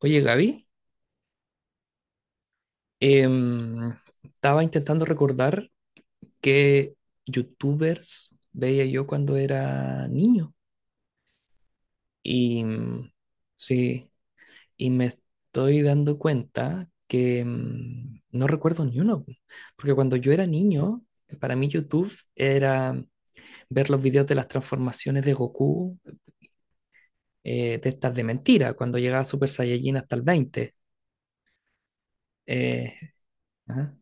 Oye, Gaby, em, estaba intentando recordar qué youtubers veía yo cuando era niño. Y mm, sí, y me estoy dando cuenta que no recuerdo ni uno. Porque cuando yo era niño, para mí YouTube era ver los videos de las transformaciones de Goku, de estas de mentira, cuando llegaba Super Saiyajin hasta el 20. Eh, ajá.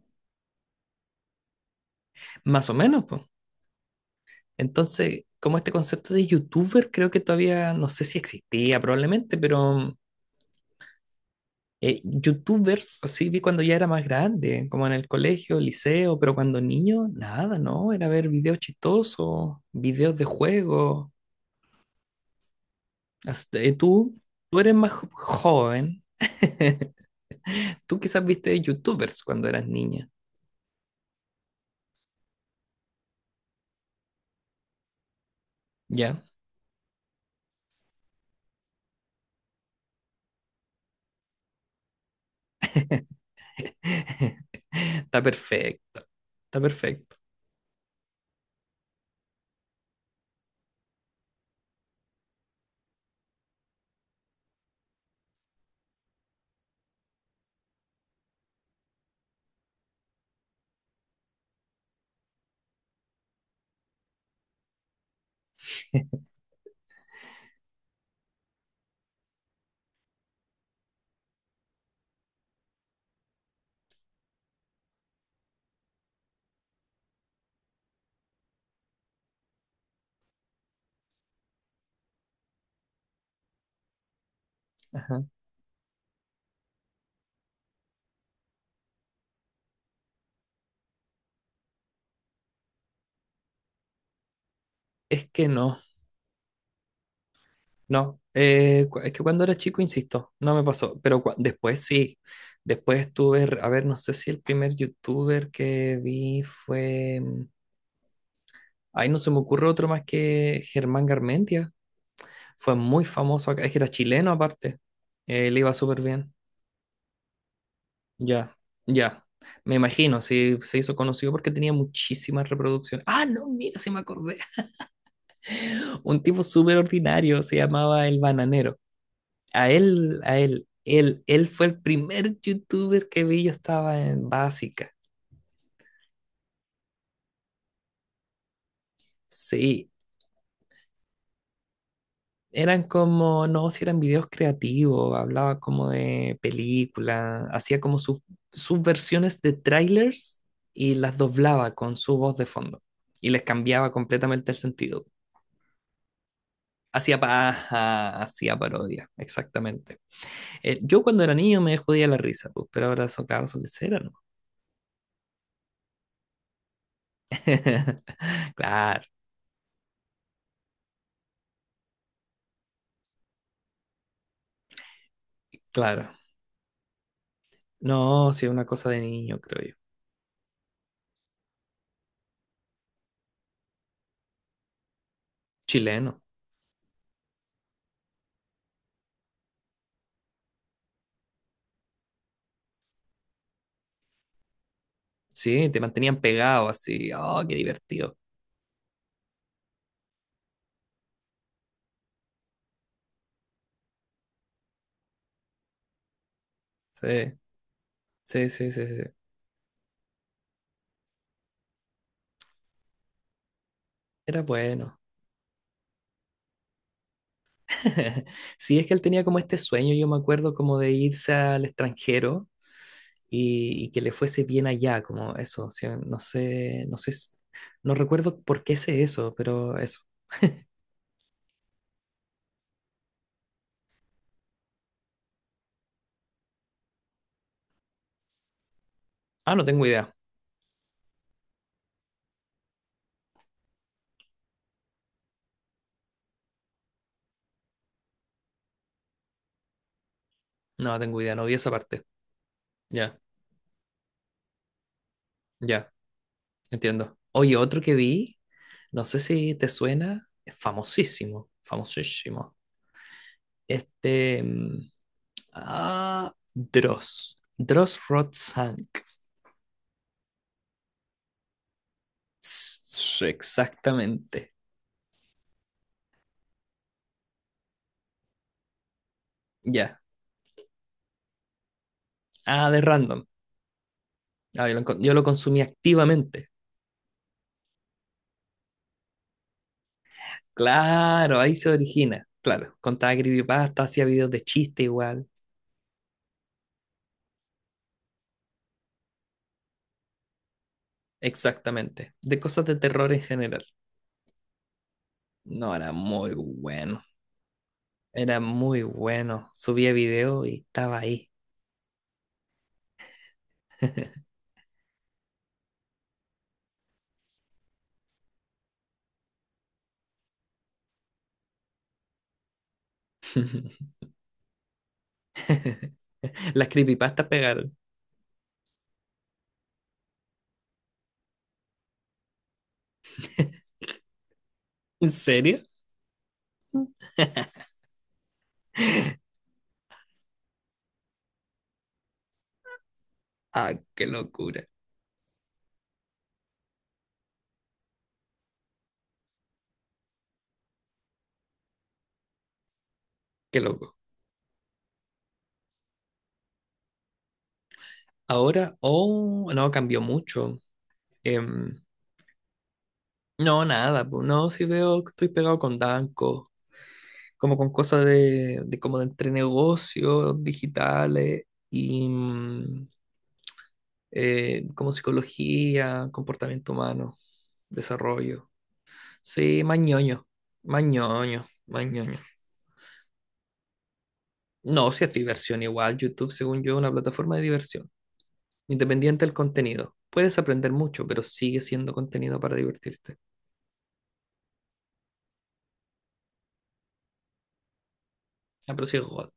Más o menos, pues. Entonces, como este concepto de youtuber, creo que todavía no sé si existía probablemente, pero youtubers, así vi cuando ya era más grande, como en el colegio, liceo, pero cuando niño, nada, ¿no? Era ver videos chistosos, videos de juego. Hasta- eh, tú, tú eres más joven. Tú quizás viste youtubers cuando eras niña, ¿ya? Está perfecto, está perfecto. Ajá. Es que no. No, es que cuando era chico, insisto, no me pasó, pero después sí, después estuve, a ver, no sé si el primer youtuber que vi fue, ay, no se me ocurre otro más que Germán Garmendia, fue muy famoso acá, es que era chileno aparte, le iba súper bien, ya, ya, me imagino, sí, se hizo conocido porque tenía muchísimas reproducciones, ah, no, mira, se me acordé. Un tipo súper ordinario, se llamaba El Bananero. A él fue el primer youtuber que vi, yo estaba en básica. Sí, eran como, no, si eran videos creativos, hablaba como de películas, hacía como sus versiones de trailers y las doblaba con su voz de fondo y les cambiaba completamente el sentido. Hacía paja, hacía parodia, exactamente. Yo cuando era niño me jodía la risa, pues, pero ahora eso, claro, son de cera, ¿no? Claro, claro. No, sí, es una cosa de niño, creo yo. Chileno. Sí, te mantenían pegado así. Oh, qué divertido. Sí, sí, sí, sí, sí. Era bueno. Sí, es que él tenía como este sueño, yo me acuerdo, como de irse al extranjero y que le fuese bien allá, como eso. O sea, no sé, no sé, no recuerdo por qué sé eso, pero eso. Ah, no tengo idea. No tengo idea, no vi esa parte. Ya, ya. Entiendo. Oye, otro que vi, no sé si te suena, es famosísimo, famosísimo. Este, mm, Dross, Dross Rotzank. Exactamente. Ya. Ah, de random. Ah, yo lo consumí activamente. Claro, ahí se origina. Claro, contaba creepypasta, hacía videos de chiste igual. Exactamente. De cosas de terror en general. No, era muy bueno. Era muy bueno. Subía video y estaba ahí. Las creepypastas pegaron. ¿En serio? Ah, qué locura. Qué loco. Ahora, oh, no, cambió mucho. Em, no, nada, pues. No, si veo que estoy pegado con Danco, como con cosas de, como de entre negocios digitales y como psicología, comportamiento humano, desarrollo. Sí, más ñoño, más ñoño, más ñoño. No, si es diversión igual, YouTube, según yo, es una plataforma de diversión, independiente del contenido. Puedes aprender mucho, pero sigue siendo contenido para divertirte. Ah, pero sí es God.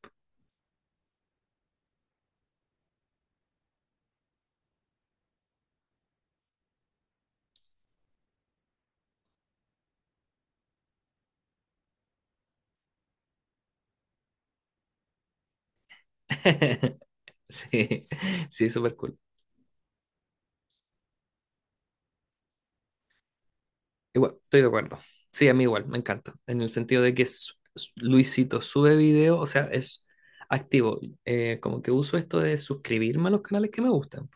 Sí, sí, súper cool. Igual, estoy de acuerdo. Sí, a mí igual, me encanta. En el sentido de que Luisito sube video, o sea, es activo. Como que uso esto de suscribirme a los canales que me gustan.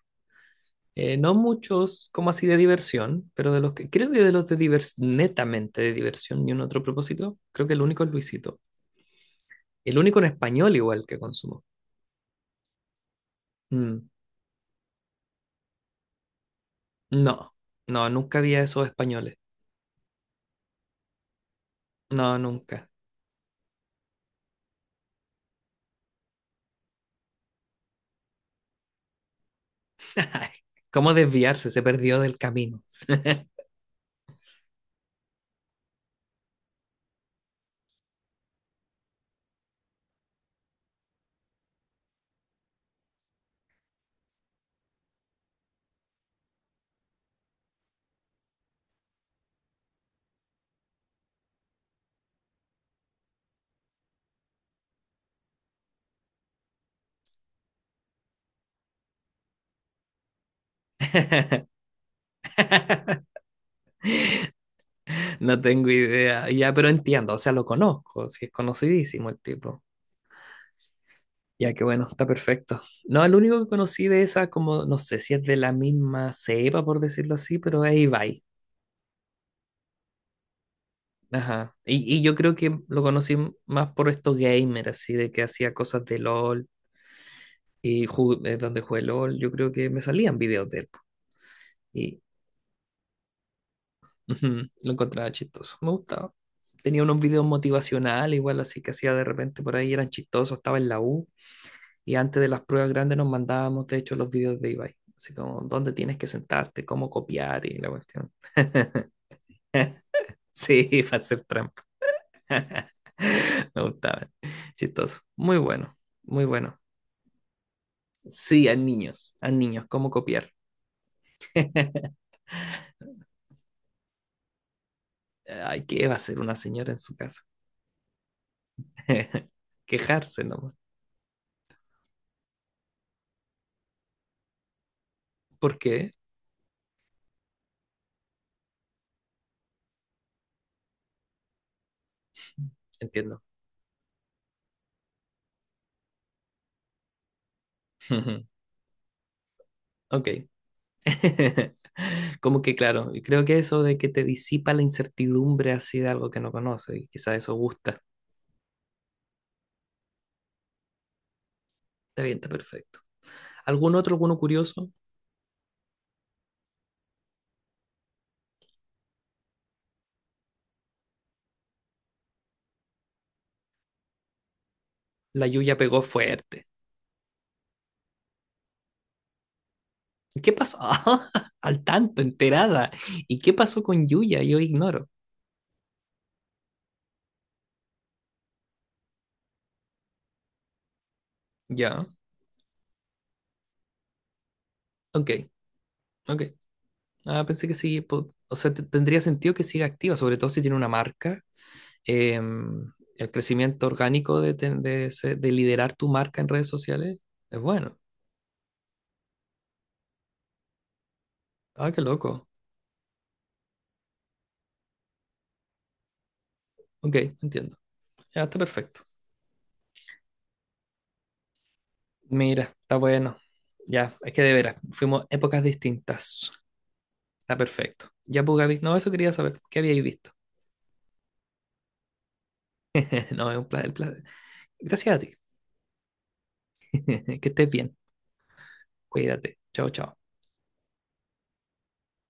No muchos como así de diversión, pero de los que creo que de los de diversión, netamente de diversión, ni un otro propósito, creo que el único es Luisito. El único en español igual que consumo. Mm, no, no, nunca había esos españoles. No, nunca. Ay, ¿cómo desviarse? Se perdió del camino. No tengo idea. Ya, pero entiendo, o sea, lo conozco, sí, es conocidísimo el tipo. Ya que bueno, está perfecto. No, el único que conocí de esa, como no sé si es de la misma cepa, por decirlo así, pero es Ibai. Ajá. Y yo creo que lo conocí más por estos gamers, así de que hacía cosas de LOL y donde jugué LOL, yo creo que me salían videos de él, po. Y ujú, lo encontraba chistoso, me gustaba. Tenía unos videos motivacionales, igual así que hacía de repente por ahí, eran chistosos, estaba en la U y antes de las pruebas grandes nos mandábamos, de hecho, los videos de Ibai. Así como, ¿dónde tienes que sentarte? ¿Cómo copiar? Y la cuestión. Sí, para hacer trampa. Me gustaba. Chistoso. Muy bueno, muy bueno. Sí, a niños, ¿cómo copiar? Ay, ¿qué va a hacer una señora en su casa? Quejarse nomás. ¿Por qué? Entiendo. Ok. Como que claro, y creo que eso de que te disipa la incertidumbre así de algo que no conoces, y quizás eso gusta. Está bien, está perfecto. ¿Algún otro, alguno curioso? La Yuya pegó fuerte. ¿Qué pasó? Al tanto, enterada. ¿Y qué pasó con Yuya? Yo ignoro. Ya. Ok, ok. Ah, pensé que sí, o sea, tendría sentido que siga activa, sobre todo si tiene una marca. Em, el crecimiento orgánico de, ten- de, se- de liderar tu marca en redes sociales es bueno. Ah, qué loco. Ok, entiendo. Ya está perfecto. Mira, está bueno. Ya, es que de veras, fuimos épocas distintas. Está perfecto. Ya, pues, Gaby, no, eso quería saber. ¿Qué habíais visto? No, es un placer. Gracias a ti. Que estés bien. Cuídate. Chao, chao.